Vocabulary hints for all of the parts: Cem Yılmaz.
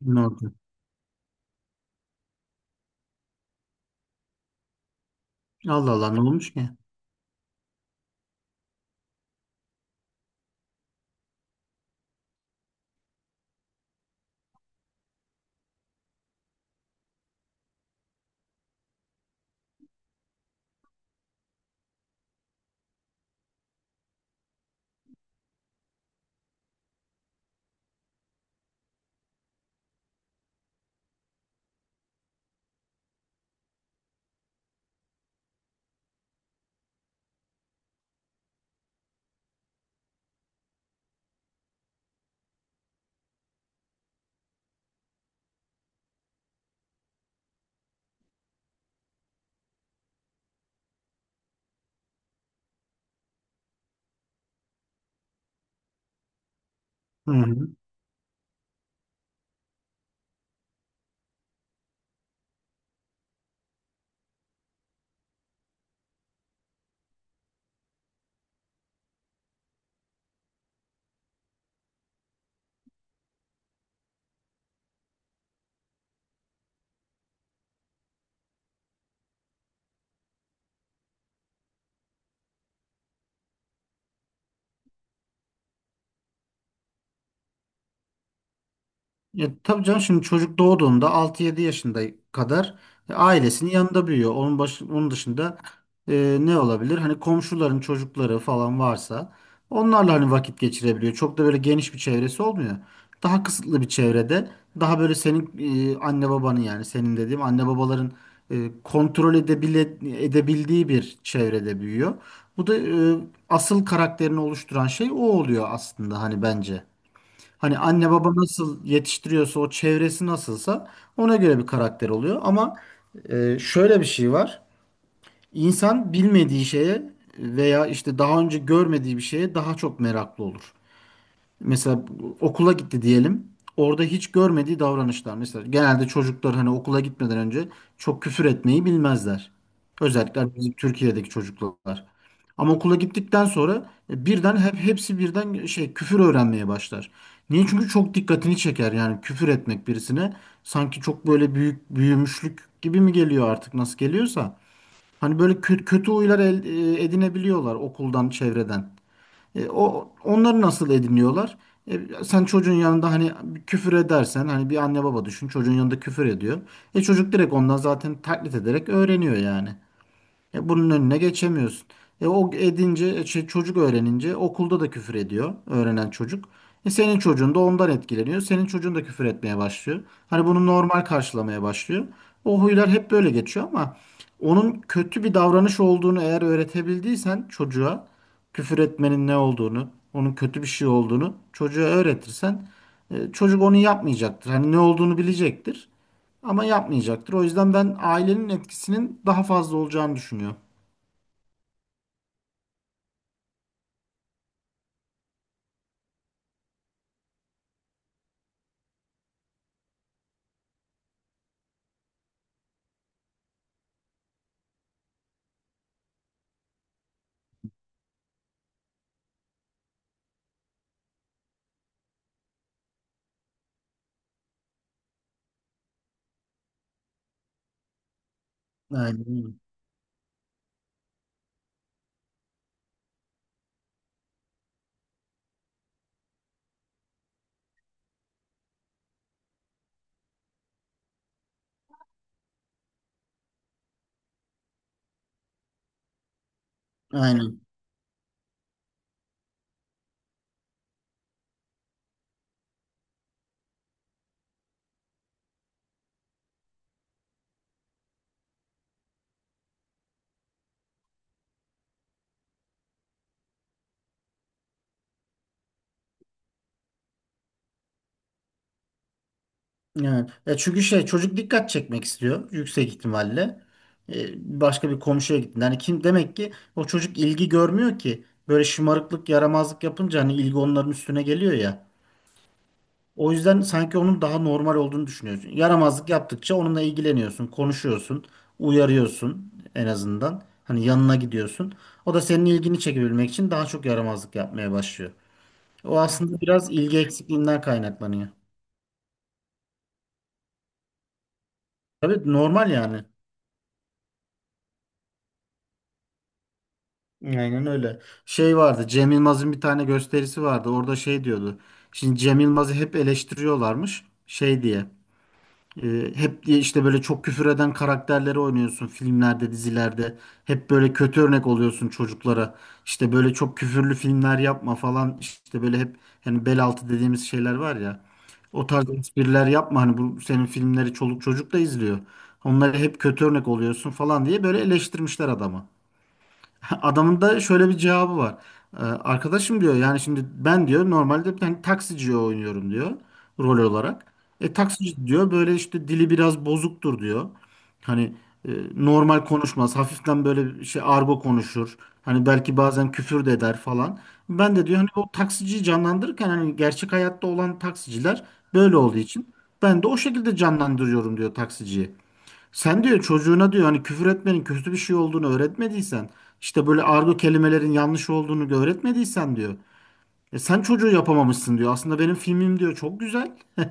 Ne oldu? Allah Allah ne olmuş ki? Hı. Ya, tabii canım, şimdi çocuk doğduğunda altı yedi yaşında kadar ailesinin yanında büyüyor. Onun dışında ne olabilir? Hani komşuların çocukları falan varsa onlarla hani vakit geçirebiliyor. Çok da böyle geniş bir çevresi olmuyor. Daha kısıtlı bir çevrede, daha böyle senin anne babanın, yani senin dediğim anne babaların e, kontrol edebile, edebildiği bir çevrede büyüyor. Bu da e, asıl karakterini oluşturan şey o oluyor aslında hani bence. Hani anne baba nasıl yetiştiriyorsa, o çevresi nasılsa ona göre bir karakter oluyor. Ama şöyle bir şey var. İnsan bilmediği şeye veya işte daha önce görmediği bir şeye daha çok meraklı olur. Mesela okula gitti diyelim. Orada hiç görmediği davranışlar. Mesela genelde çocuklar hani okula gitmeden önce çok küfür etmeyi bilmezler. Özellikle bizim Türkiye'deki çocuklar. Ama okula gittikten sonra birden hep hepsi birden şey küfür öğrenmeye başlar. Niye? Çünkü çok dikkatini çeker, yani küfür etmek birisine sanki çok böyle büyük büyümüşlük gibi mi geliyor, artık nasıl geliyorsa. Hani böyle kötü, kötü huylar edinebiliyorlar okuldan, çevreden. O onları nasıl ediniyorlar? Sen çocuğun yanında hani küfür edersen, hani bir anne baba düşün, çocuğun yanında küfür ediyor. Çocuk direkt ondan zaten taklit ederek öğreniyor yani. Bunun önüne geçemiyorsun. E o edince, e şey, çocuk öğrenince okulda da küfür ediyor öğrenen çocuk. Senin çocuğun da ondan etkileniyor. Senin çocuğun da küfür etmeye başlıyor. Hani bunu normal karşılamaya başlıyor. O huylar hep böyle geçiyor ama onun kötü bir davranış olduğunu eğer öğretebildiysen çocuğa, küfür etmenin ne olduğunu, onun kötü bir şey olduğunu çocuğa öğretirsen çocuk onu yapmayacaktır. Hani ne olduğunu bilecektir ama yapmayacaktır. O yüzden ben ailenin etkisinin daha fazla olacağını düşünüyorum. Aynen. Aynen. Evet. Ya çünkü şey, çocuk dikkat çekmek istiyor yüksek ihtimalle. Başka bir komşuya gittin. Yani kim demek ki, o çocuk ilgi görmüyor ki. Böyle şımarıklık, yaramazlık yapınca hani ilgi onların üstüne geliyor ya. O yüzden sanki onun daha normal olduğunu düşünüyorsun. Yaramazlık yaptıkça onunla ilgileniyorsun, konuşuyorsun, uyarıyorsun en azından. Hani yanına gidiyorsun. O da senin ilgini çekebilmek için daha çok yaramazlık yapmaya başlıyor. O aslında biraz ilgi eksikliğinden kaynaklanıyor. Tabii, normal yani. Aynen öyle. Şey vardı, Cem Yılmaz'ın bir tane gösterisi vardı. Orada şey diyordu. Şimdi Cem Yılmaz'ı hep eleştiriyorlarmış. Şey diye, hep diye işte böyle çok küfür eden karakterleri oynuyorsun filmlerde, dizilerde. Hep böyle kötü örnek oluyorsun çocuklara. İşte böyle çok küfürlü filmler yapma falan. İşte böyle hep hani bel altı dediğimiz şeyler var ya. O tarz espriler yapma. Hani bu senin filmleri çoluk çocuk da izliyor. Onlara hep kötü örnek oluyorsun falan diye böyle eleştirmişler adamı. Adamın da şöyle bir cevabı var. Arkadaşım diyor, yani şimdi ben diyor normalde ben taksiciye oynuyorum diyor rol olarak. E taksici diyor böyle işte dili biraz bozuktur diyor. Hani normal konuşmaz. Hafiften böyle bir şey argo konuşur. Hani belki bazen küfür de eder falan. Ben de diyor hani o taksiciyi canlandırırken hani gerçek hayatta olan taksiciler böyle olduğu için ben de o şekilde canlandırıyorum diyor taksiciyi. Sen diyor çocuğuna diyor hani küfür etmenin kötü bir şey olduğunu öğretmediysen, işte böyle argo kelimelerin yanlış olduğunu da öğretmediysen diyor. E sen çocuğu yapamamışsın diyor. Aslında benim filmim diyor çok güzel.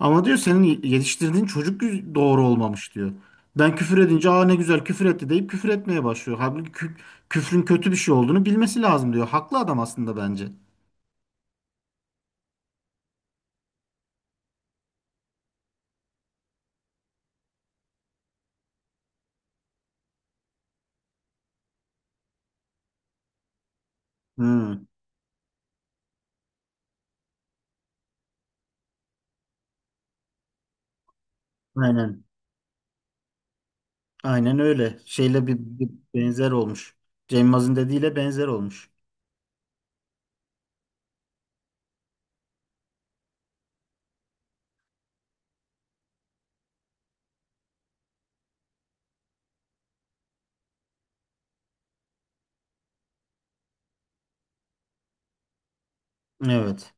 Ama diyor senin yetiştirdiğin çocuk doğru olmamış diyor. Ben küfür edince aa ne güzel küfür etti deyip küfür etmeye başlıyor. Halbuki küfrün kötü bir şey olduğunu bilmesi lazım diyor. Haklı adam aslında bence. Hmm, aynen. Aynen öyle. Şeyle bir benzer olmuş. Cem Yılmaz'ın dediğiyle benzer olmuş. Evet.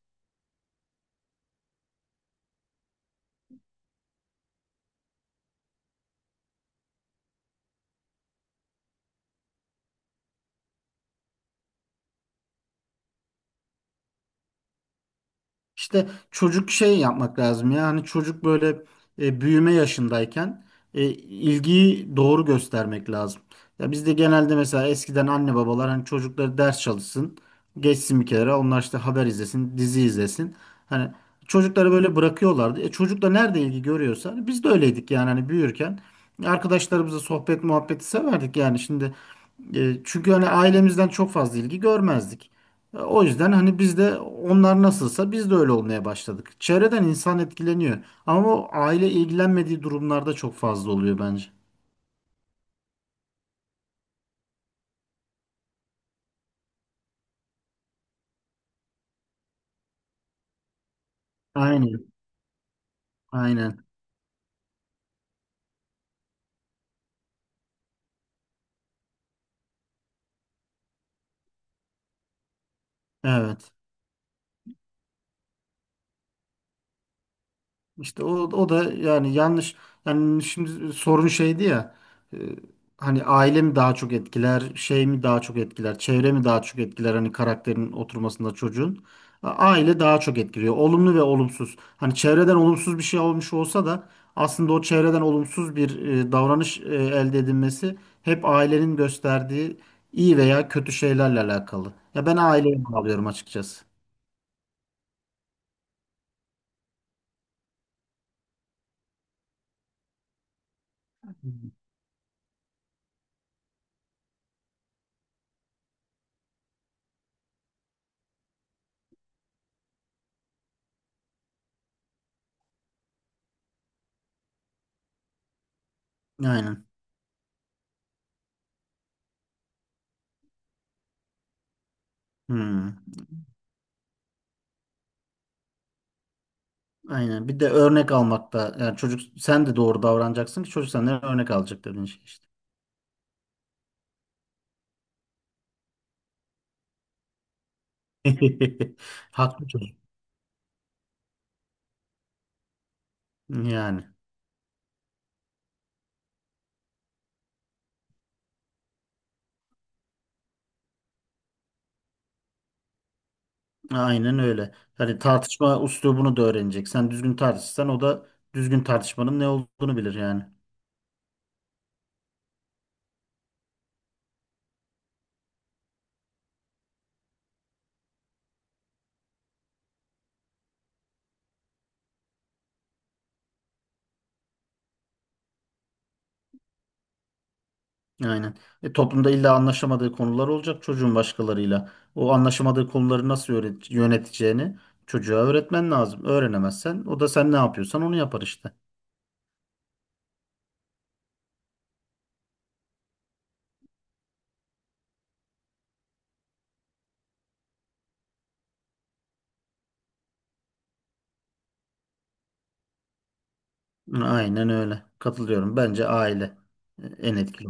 İşte çocuk şey yapmak lazım ya, hani çocuk böyle büyüme yaşındayken ilgiyi doğru göstermek lazım. Ya bizde genelde mesela eskiden anne babalar hani çocukları ders çalışsın, geçsin bir kenara, onlar işte haber izlesin, dizi izlesin. Hani çocukları böyle bırakıyorlardı. E, çocuk da nerede ilgi görüyorsa hani, biz de öyleydik yani, hani büyürken arkadaşlarımızla sohbet muhabbeti severdik yani şimdi çünkü hani ailemizden çok fazla ilgi görmezdik. E, o yüzden hani biz de onlar nasılsa biz de öyle olmaya başladık. Çevreden insan etkileniyor. Ama o aile ilgilenmediği durumlarda çok fazla oluyor bence. Aynen. Aynen. Evet. İşte o da yani yanlış, yani şimdi sorun şeydi ya, e, hani aile mi daha çok etkiler, şey mi daha çok etkiler, çevre mi daha çok etkiler hani karakterin oturmasında çocuğun. Aile daha çok etkiliyor, olumlu ve olumsuz. Hani çevreden olumsuz bir şey olmuş olsa da aslında o çevreden olumsuz bir davranış elde edilmesi hep ailenin gösterdiği iyi veya kötü şeylerle alakalı ya, ben aileye bağlıyorum açıkçası. Aynen. Hmm. Aynen. Bir de örnek almakta. Yani çocuk, sen de doğru davranacaksın ki çocuk senden örnek alacak, dediğin şey işte. Haklı çocuk. Yani. Aynen öyle. Hani tartışma üslubunu da öğrenecek. Sen düzgün tartışırsan o da düzgün tartışmanın ne olduğunu bilir yani. Aynen. E, toplumda illa anlaşamadığı konular olacak çocuğun başkalarıyla. O anlaşamadığı konuları nasıl yöneteceğini çocuğa öğretmen lazım. Öğrenemezsen o da sen ne yapıyorsan onu yapar işte. Aynen öyle. Katılıyorum. Bence aile en etkili.